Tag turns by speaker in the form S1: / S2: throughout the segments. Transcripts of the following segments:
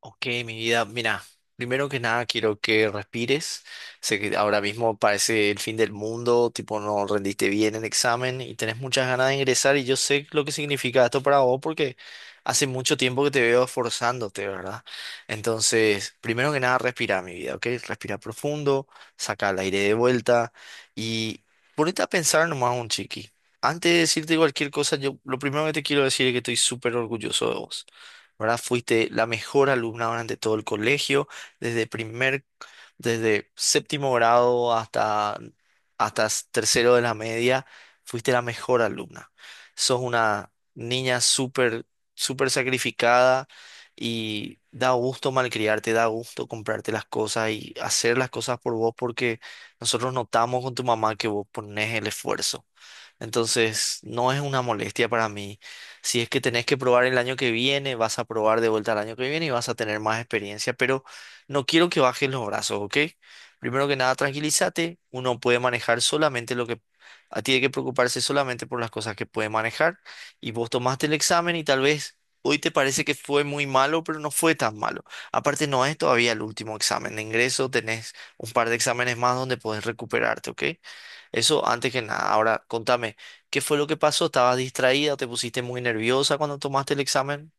S1: Ok, mi vida, mira, primero que nada quiero que respires. Sé que ahora mismo parece el fin del mundo, tipo no rendiste bien el examen y tenés muchas ganas de ingresar y yo sé lo que significa esto para vos porque hace mucho tiempo que te veo esforzándote, ¿verdad? Entonces, primero que nada, respira, mi vida, ¿ok? Respira profundo, saca el aire de vuelta y ponete a pensar nomás un chiqui. Antes de decirte cualquier cosa, yo lo primero que te quiero decir es que estoy súper orgulloso de vos. ¿Verdad? Fuiste la mejor alumna durante todo el colegio, desde primer, desde séptimo grado hasta tercero de la media, fuiste la mejor alumna. Sos una niña súper sacrificada y da gusto malcriarte, da gusto comprarte las cosas y hacer las cosas por vos porque nosotros notamos con tu mamá que vos ponés el esfuerzo. Entonces, no es una molestia para mí. Si es que tenés que probar el año que viene, vas a probar de vuelta el año que viene y vas a tener más experiencia, pero no quiero que bajes los brazos, ¿ok? Primero que nada, tranquilízate. Uno puede manejar solamente lo que... A tiene que preocuparse solamente por las cosas que puede manejar. Y vos tomaste el examen y tal vez hoy te parece que fue muy malo, pero no fue tan malo. Aparte, no es todavía el último examen de ingreso. Tenés un par de exámenes más donde podés recuperarte, ¿ok? Eso antes que nada. Ahora, contame, ¿qué fue lo que pasó? ¿Estabas distraída? ¿Te pusiste muy nerviosa cuando tomaste el examen?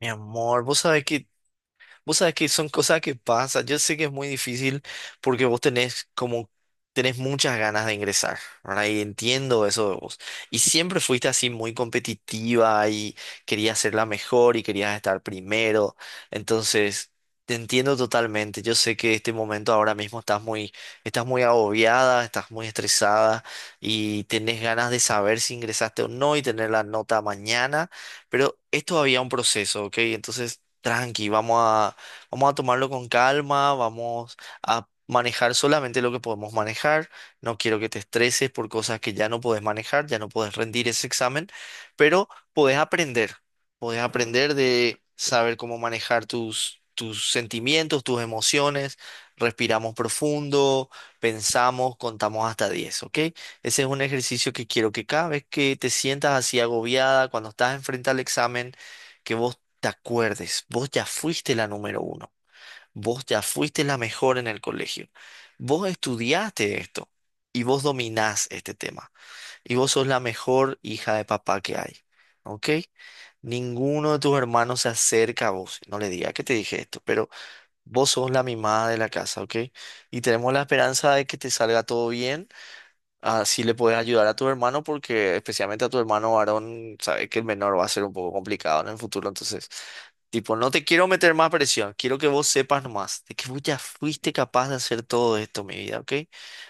S1: Mi amor, vos sabés que vos sabés que son cosas que pasan. Yo sé que es muy difícil porque vos tenés como tenés muchas ganas de ingresar, ¿verdad? Y entiendo eso de vos. Y siempre fuiste así muy competitiva y querías ser la mejor y querías estar primero. Entonces, te entiendo totalmente. Yo sé que este momento ahora mismo estás muy agobiada, estás muy estresada y tenés ganas de saber si ingresaste o no y tener la nota mañana, pero es todavía un proceso, ¿ok? Entonces... Tranqui, vamos a tomarlo con calma, vamos a manejar solamente lo que podemos manejar, no quiero que te estreses por cosas que ya no podés manejar, ya no podés rendir ese examen, pero podés aprender, podés aprender de saber cómo manejar tus sentimientos, tus emociones, respiramos profundo, pensamos, contamos hasta 10, ¿ok? Ese es un ejercicio que quiero que cada vez que te sientas así agobiada, cuando estás enfrente al examen, que vos te acuerdes, vos ya fuiste la número uno, vos ya fuiste la mejor en el colegio, vos estudiaste esto y vos dominás este tema y vos sos la mejor hija de papá que hay, ¿ok? Ninguno de tus hermanos se acerca a vos, no le diga que te dije esto, pero vos sos la mimada de la casa, ¿ok? Y tenemos la esperanza de que te salga todo bien. Así le puedes ayudar a tu hermano porque especialmente a tu hermano varón, sabes que el menor va a ser un poco complicado en el futuro. Entonces, tipo, no te quiero meter más presión, quiero que vos sepas nomás de que vos ya fuiste capaz de hacer todo esto, mi vida, ¿ok?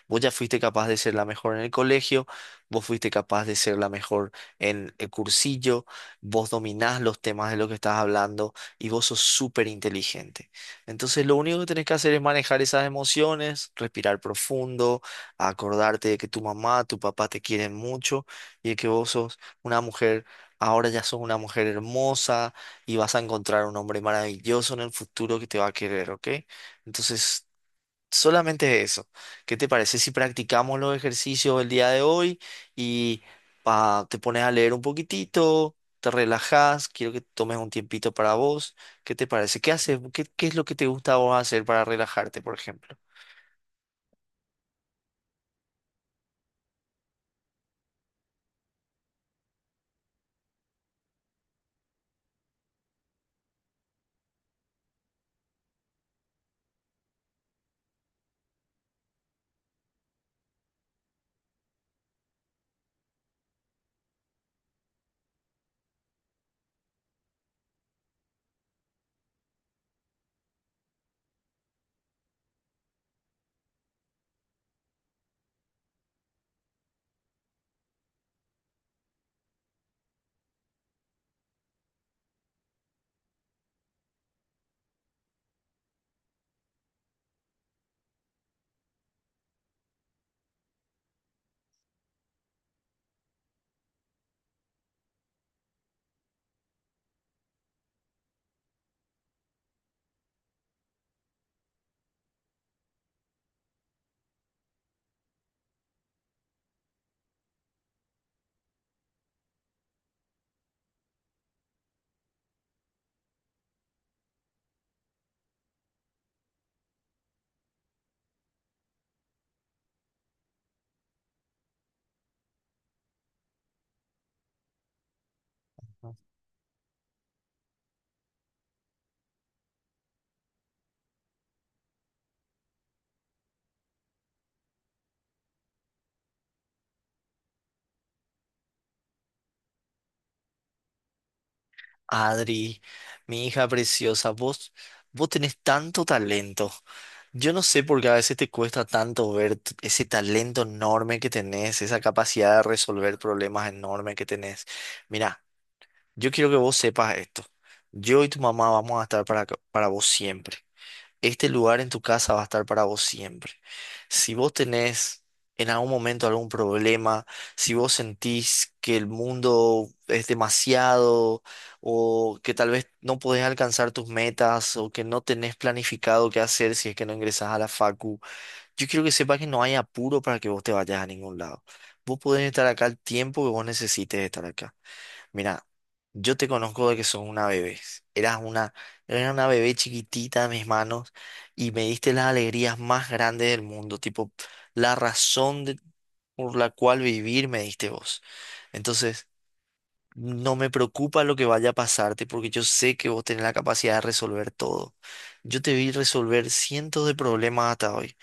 S1: Vos ya fuiste capaz de ser la mejor en el colegio, vos fuiste capaz de ser la mejor en el cursillo, vos dominás los temas de lo que estás hablando y vos sos súper inteligente. Entonces, lo único que tenés que hacer es manejar esas emociones, respirar profundo a acordarte de que tu mamá, tu papá te quieren mucho y de que vos sos una mujer, ahora ya sos una mujer hermosa y vas a encontrar un hombre maravilloso en el futuro que te va a querer, ¿ok? Entonces, solamente eso. ¿Qué te parece si practicamos los ejercicios el día de hoy y pa, te pones a leer un poquitito? Te relajas, quiero que tomes un tiempito para vos. ¿Qué te parece? ¿Qué haces? ¿Qué es lo que te gusta a vos hacer para relajarte, por ejemplo? Adri, mi hija preciosa, vos tenés tanto talento. Yo no sé por qué a veces te cuesta tanto ver ese talento enorme que tenés, esa capacidad de resolver problemas enorme que tenés. Mira, yo quiero que vos sepas esto. Yo y tu mamá vamos a estar para vos siempre, este lugar en tu casa va a estar para vos siempre. Si vos tenés en algún momento algún problema, si vos sentís que el mundo es demasiado o que tal vez no podés alcanzar tus metas o que no tenés planificado qué hacer si es que no ingresás a la facu, yo quiero que sepas que no hay apuro para que vos te vayas a ningún lado. Vos podés estar acá el tiempo que vos necesites estar acá. Mira, yo te conozco de que sos una bebé. Eras una, eras una bebé chiquitita en mis manos y me diste las alegrías más grandes del mundo, tipo la por la cual vivir me diste vos. Entonces, no me preocupa lo que vaya a pasarte porque yo sé que vos tenés la capacidad de resolver todo. Yo te vi resolver cientos de problemas hasta hoy,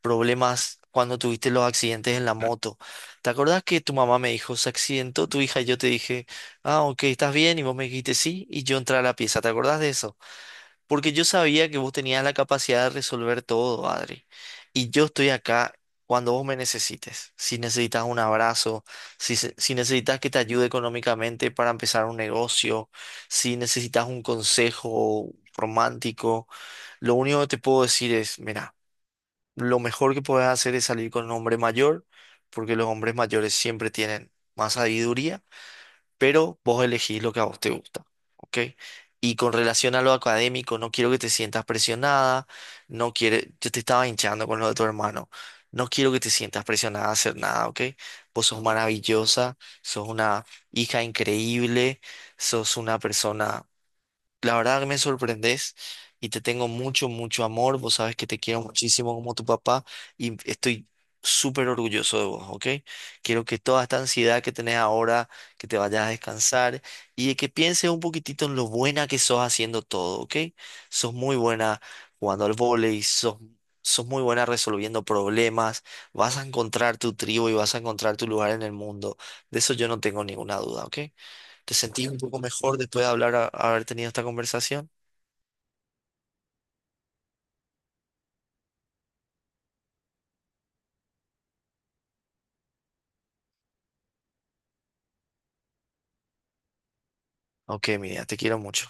S1: problemas cuando tuviste los accidentes en la moto. ¿Te acordás que tu mamá me dijo, se accidentó tu hija? Y yo te dije, ah, ok, estás bien, y vos me dijiste sí, y yo entré a la pieza. ¿Te acordás de eso? Porque yo sabía que vos tenías la capacidad de resolver todo, Adri. Y yo estoy acá cuando vos me necesites. Si necesitas un abrazo, si necesitas que te ayude económicamente para empezar un negocio, si necesitas un consejo romántico, lo único que te puedo decir es, mira, lo mejor que puedes hacer es salir con un hombre mayor, porque los hombres mayores siempre tienen más sabiduría, pero vos elegís lo que a vos te gusta, ¿ok? Y con relación a lo académico, no quiero que te sientas presionada, no quiere, yo te estaba hinchando con lo de tu hermano, no quiero que te sientas presionada a hacer nada, ¿ok? Vos sos maravillosa, sos una hija increíble, sos una persona, la verdad que me sorprendes, y te tengo mucho, mucho amor. Vos sabes que te quiero muchísimo como tu papá y estoy súper orgulloso de vos, ¿ok? Quiero que toda esta ansiedad que tenés ahora, que te vayas a descansar y de que pienses un poquitito en lo buena que sos haciendo todo, ¿ok? Sos muy buena jugando al vóley, sos muy buena resolviendo problemas, vas a encontrar tu tribu y vas a encontrar tu lugar en el mundo. De eso yo no tengo ninguna duda, ¿ok? ¿Te sentís un poco mejor después de hablar, haber tenido esta conversación? Ok, mira, te quiero mucho.